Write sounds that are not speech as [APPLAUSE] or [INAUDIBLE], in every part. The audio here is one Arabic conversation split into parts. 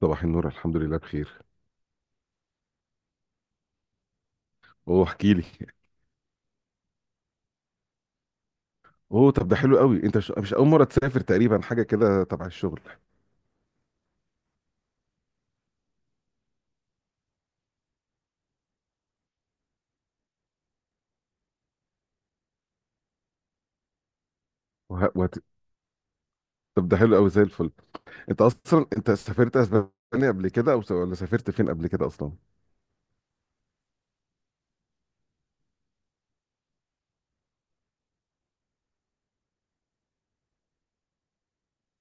صباح النور، الحمد لله بخير. اوه، احكي لي. اوه، طب ده حلو قوي. انت مش اول مره تسافر، تقريبا حاجه كده تبع الشغل. وه... وهت... طب ده حلو قوي، زي الفل. انت اصلا انت سافرت اسبانيا قبل كده، او ولا سافرت فين قبل كده اصلا؟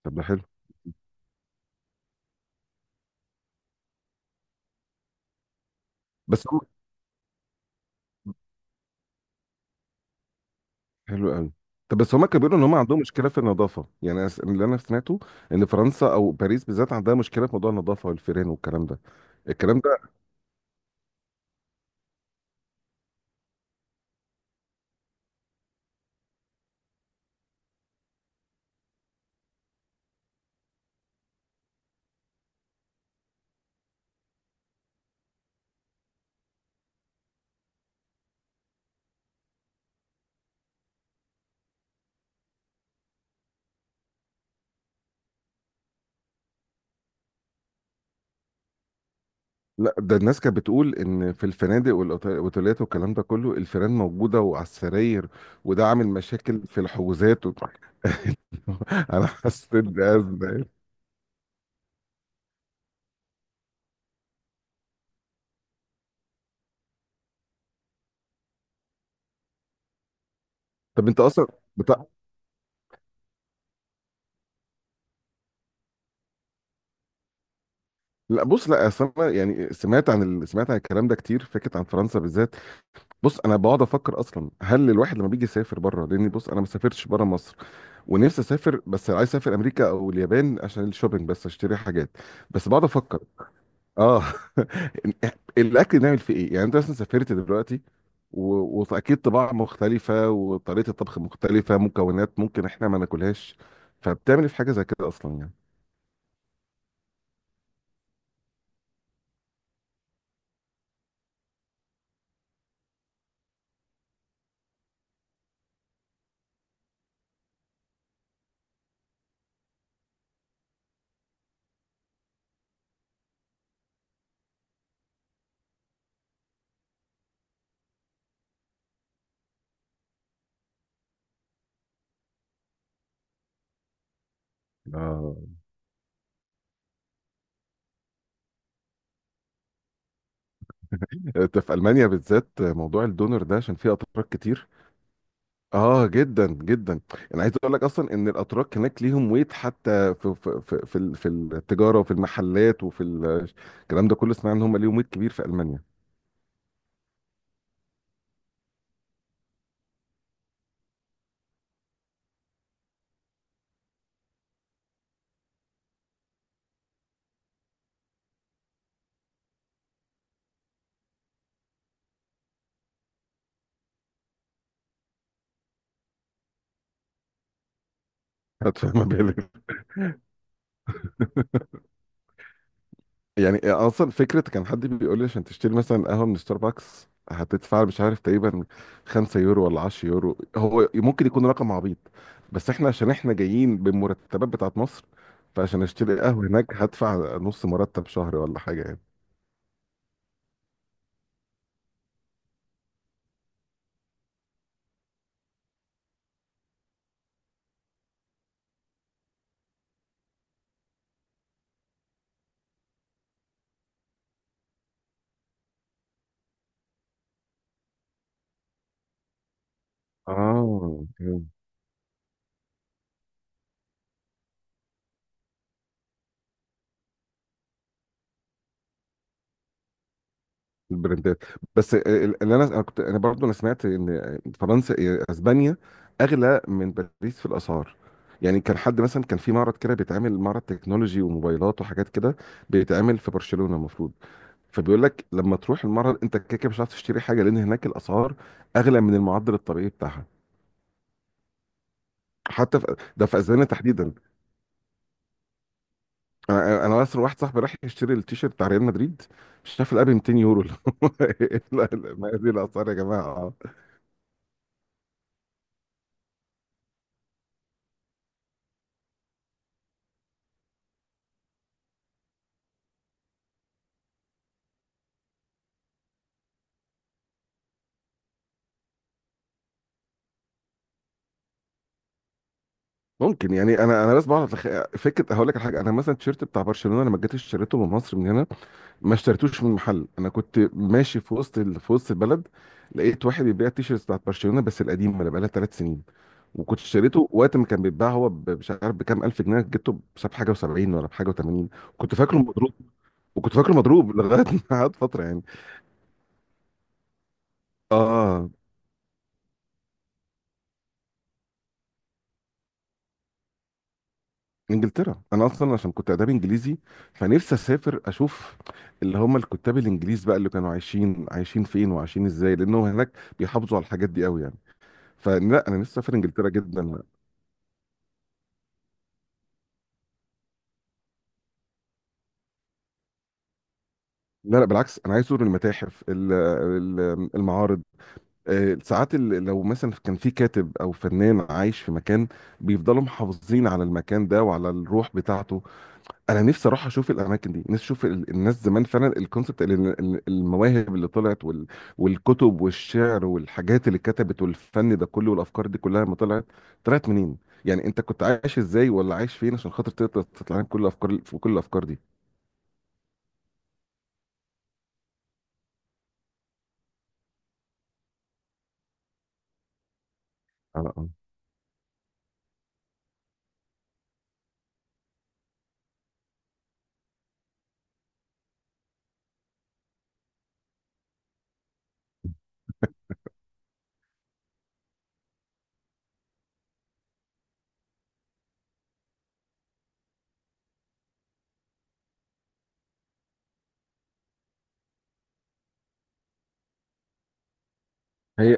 طب ده حلو. بس هم. حلو قوي. طب بس هما كانوا بيقولوا ان هم عندهم مشكله في النظافه، يعني اللي انا سمعته ان فرنسا او باريس بالذات عندها مشكله في موضوع النظافه والفيران والكلام ده. الكلام. لا، ده الناس كانت بتقول ان في الفنادق والاوتيلات والكلام ده كله الفيران موجوده وعلى السراير، وده عامل مشاكل في الحجوزات [LAUGHS] انا حسيت بازمه. طب انت اصلا بتاع. لا، بص، لا، اصل انا يعني سمعت عن الكلام ده كتير، فكره عن فرنسا بالذات. بص انا بقعد افكر اصلا، هل الواحد لما بيجي يسافر بره، لان بص انا ما سافرتش بره مصر ونفسي اسافر، بس عايز اسافر امريكا او اليابان عشان الشوبينج، بس اشتري حاجات. بس بقعد افكر. اه. [LAUGHS] الاكل نعمل فيه ايه؟ يعني انت مثلا سافرت دلوقتي، واكيد طباع مختلفه، وطريقه الطبخ مختلفه، مكونات ممكن احنا ما ناكلهاش. فبتعمل إيه في حاجه زي كده اصلا يعني؟ اه، انت في المانيا بالذات موضوع الدونر ده عشان فيه اتراك كتير. اه، جدا جدا. انا عايز اقول لك اصلا ان الاتراك هناك ليهم ويت، حتى في التجاره وفي المحلات الكلام ده كله، سمعنا ان هم ليهم ويت كبير في المانيا. [LAUGHS] فما بالك؟ يعني اصلا فكره، كان حد بيقول لي عشان تشتري مثلا قهوه من ستاربكس هتدفع مش عارف تقريبا 5 يورو ولا 10 يورو. هو ممكن يكون رقم عبيط، بس احنا عشان احنا جايين بالمرتبات بتاعت مصر، فعشان اشتري قهوه هناك هدفع نص مرتب شهر ولا حاجه يعني. اه. البرنتات. بس اللي انا كنت انا سمعت ان فرنسا اسبانيا اغلى من باريس في الاسعار. يعني كان حد مثلا، كان في معرض كده بيتعمل، معرض تكنولوجي وموبايلات وحاجات كده، بيتعمل في برشلونة المفروض. فبيقول لك لما تروح المعرض انت كده كده مش هتعرف تشتري حاجه، لان هناك الاسعار اغلى من المعدل الطبيعي بتاعها. حتى في اسبانيا تحديدا. انا اصلا واحد صاحبي راح يشتري التيشيرت بتاع ريال مدريد، شاف الاب 200 يورو. [LAUGHS] لا، لا، ما هذه الاسعار يا جماعه آه. ممكن، يعني انا بس بعرف فكره، هقول لك على حاجه. انا مثلا التيشيرت بتاع برشلونه لما جيت اشتريته من مصر من هنا، ما اشتريتوش من محل. انا كنت ماشي في وسط في وسط البلد، لقيت واحد بيبيع التيشيرت بتاع برشلونه بس القديم، اللي بقالها 3 سنين، وكنت اشتريته وقت ما كان بيتباع هو مش عارف بكام، الف جنيه جبته بس بحاجه و70 ولا بحاجه و80. كنت فاكره مضروب، وكنت فاكره مضروب لغايه [LAUGHS] ما قعد فتره يعني. اه. انجلترا، انا اصلا عشان كنت اداب انجليزي، فنفسي اسافر اشوف اللي هم الكتاب الانجليز بقى، اللي كانوا عايشين فين وعايشين ازاي، لانه هناك بيحافظوا على الحاجات دي قوي يعني. فلا، انا نفسي اسافر انجلترا جدا. لا، لا، بالعكس، انا عايز ازور المتاحف، المعارض. ساعات لو مثلا كان في كاتب او فنان عايش في مكان، بيفضلوا محافظين على المكان ده وعلى الروح بتاعته. انا نفسي اروح اشوف الاماكن دي، نفسي اشوف الناس زمان، فعلا الكونسبت، المواهب اللي طلعت، والكتب والشعر والحاجات اللي اتكتبت والفن ده كله والافكار دي كلها، لما طلعت طلعت منين. يعني انت كنت عايش ازاي ولا عايش فين عشان خاطر تقدر تطلع لك كل الافكار، في كل الافكار دي. اه، اه. هي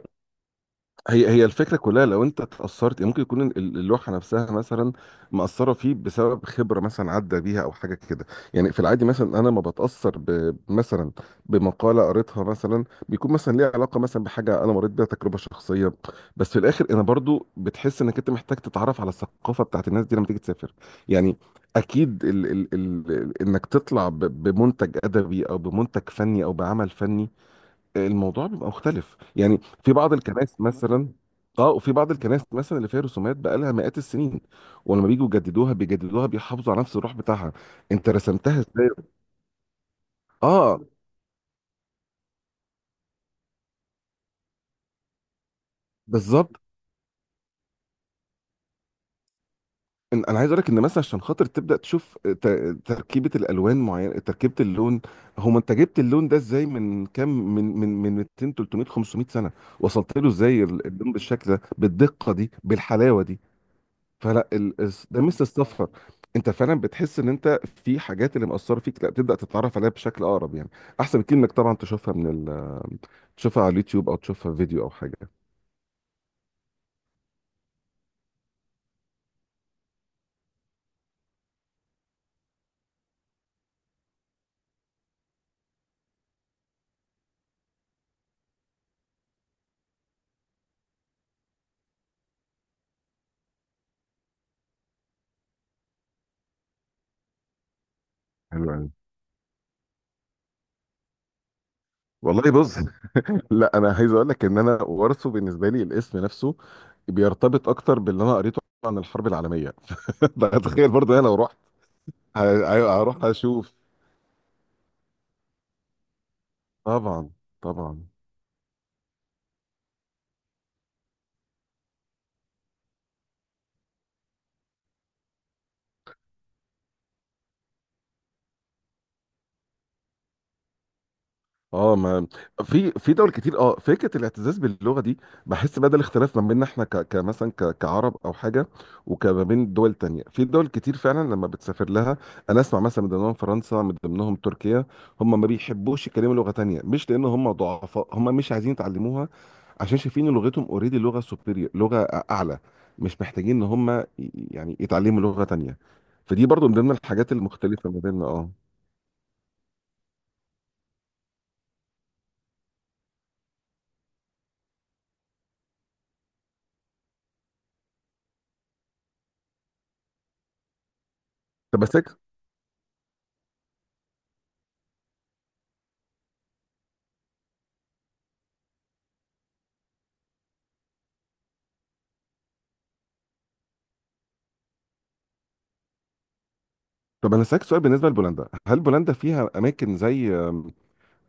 هي الفكره كلها، لو انت اتاثرت، يعني ممكن يكون اللوحه نفسها مثلا مأثره فيه بسبب خبره مثلا عدى بيها او حاجه كده. يعني في العادي مثلا انا ما بتاثر مثلا بمقاله قريتها، مثلا بيكون مثلا ليها علاقه مثلا بحاجه انا مريت بيها تجربه شخصيه. بس في الاخر انا برضو بتحس انك انت محتاج تتعرف على الثقافه بتاعت الناس دي لما تيجي تسافر، يعني اكيد ال ال ال انك تطلع بمنتج ادبي او بمنتج فني او بعمل فني، الموضوع بيبقى مختلف يعني. في بعض الكنائس مثلا. اه، وفي بعض الكنائس مثلا اللي فيها رسومات بقى لها مئات السنين، ولما بيجوا يجددوها بيجددوها بيحافظوا على نفس الروح بتاعها. انت رسمتها ازاي. اه، بالظبط. انا عايز اقول لك ان مثلا عشان خاطر تبدا تشوف تركيبه الالوان معينه، تركيبه اللون، هو انت جبت اللون ده ازاي؟ من كام، من 200، 300، 500 سنه، وصلت له ازاي اللون بالشكل ده، بالدقه دي، بالحلاوه دي. فلا ده ميزه السفر، انت فعلا بتحس ان انت في حاجات اللي مأثره فيك، لا بتبدا تتعرف عليها بشكل اقرب يعني، احسن بكتير انك طبعا تشوفها على اليوتيوب او تشوفها في فيديو او حاجه. حلو قوي. والله بص [LAUGHS] لا، انا عايز اقول لك ان انا وارثه بالنسبه لي الاسم نفسه بيرتبط اكتر باللي انا قريته عن الحرب العالميه. [LAUGHS] فتخيل برضه انا لو رحت هروح اشوف. طبعا، طبعا. اه، ما في دول كتير، اه، فكره الاعتزاز باللغه دي، بحس بدل اختلاف ما بيننا احنا، كمثلا كعرب او حاجه، وكما بين دول تانية، في دول كتير فعلا لما بتسافر لها انا اسمع مثلا، من ضمنهم فرنسا، من ضمنهم تركيا، هم ما بيحبوش يتكلموا لغه تانية، مش لان هم ضعفاء، هم مش عايزين يتعلموها، عشان شايفين إن لغتهم اوريدي لغه سوبيريور، لغه اعلى، مش محتاجين ان هم يعني يتعلموا لغه تانية. فدي برضو من ضمن الحاجات المختلفه ما بيننا. اه. طب بس. طب انا اسالك سؤال، بالنسبه لبولندا، هل بولندا فيها اماكن زي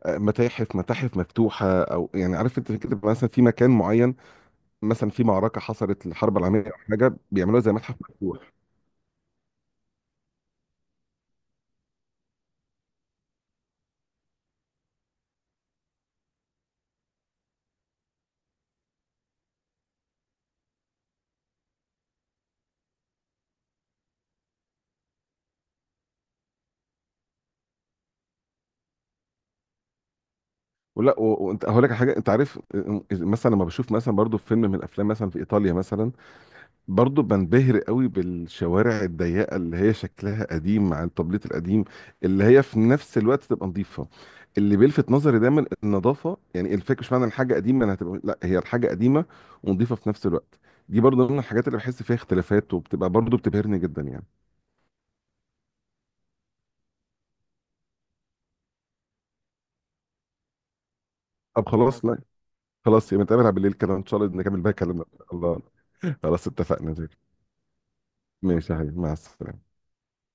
متاحف مفتوحه، او يعني عارف انت كده مثلا في مكان معين مثلا في معركه حصلت الحرب العالميه، او حاجه بيعملوها زي متحف مفتوح؟ ولا وانت هقول لك على حاجه. انت عارف، مثلا لما بشوف مثلا برضو فيلم من الافلام مثلا في ايطاليا مثلا، برضه بنبهر قوي بالشوارع الضيقه اللي هي شكلها قديم، مع التبليط القديم، اللي هي في نفس الوقت تبقى نظيفه. اللي بيلفت نظري دايما النظافه، يعني الفكره، مش معنى الحاجه قديمه انها هتبقى، لا، هي الحاجه قديمه ونظيفه في نفس الوقت. دي برضه من الحاجات اللي بحس فيها اختلافات، وبتبقى برضه بتبهرني جدا يعني. طب خلاص، لا، خلاص يبقى نتقابل على بالليل كده، ان شاء الله نكمل بقى كلامنا. الله. خلاص، اتفقنا. ماشي يا حبيبي، مع السلامه.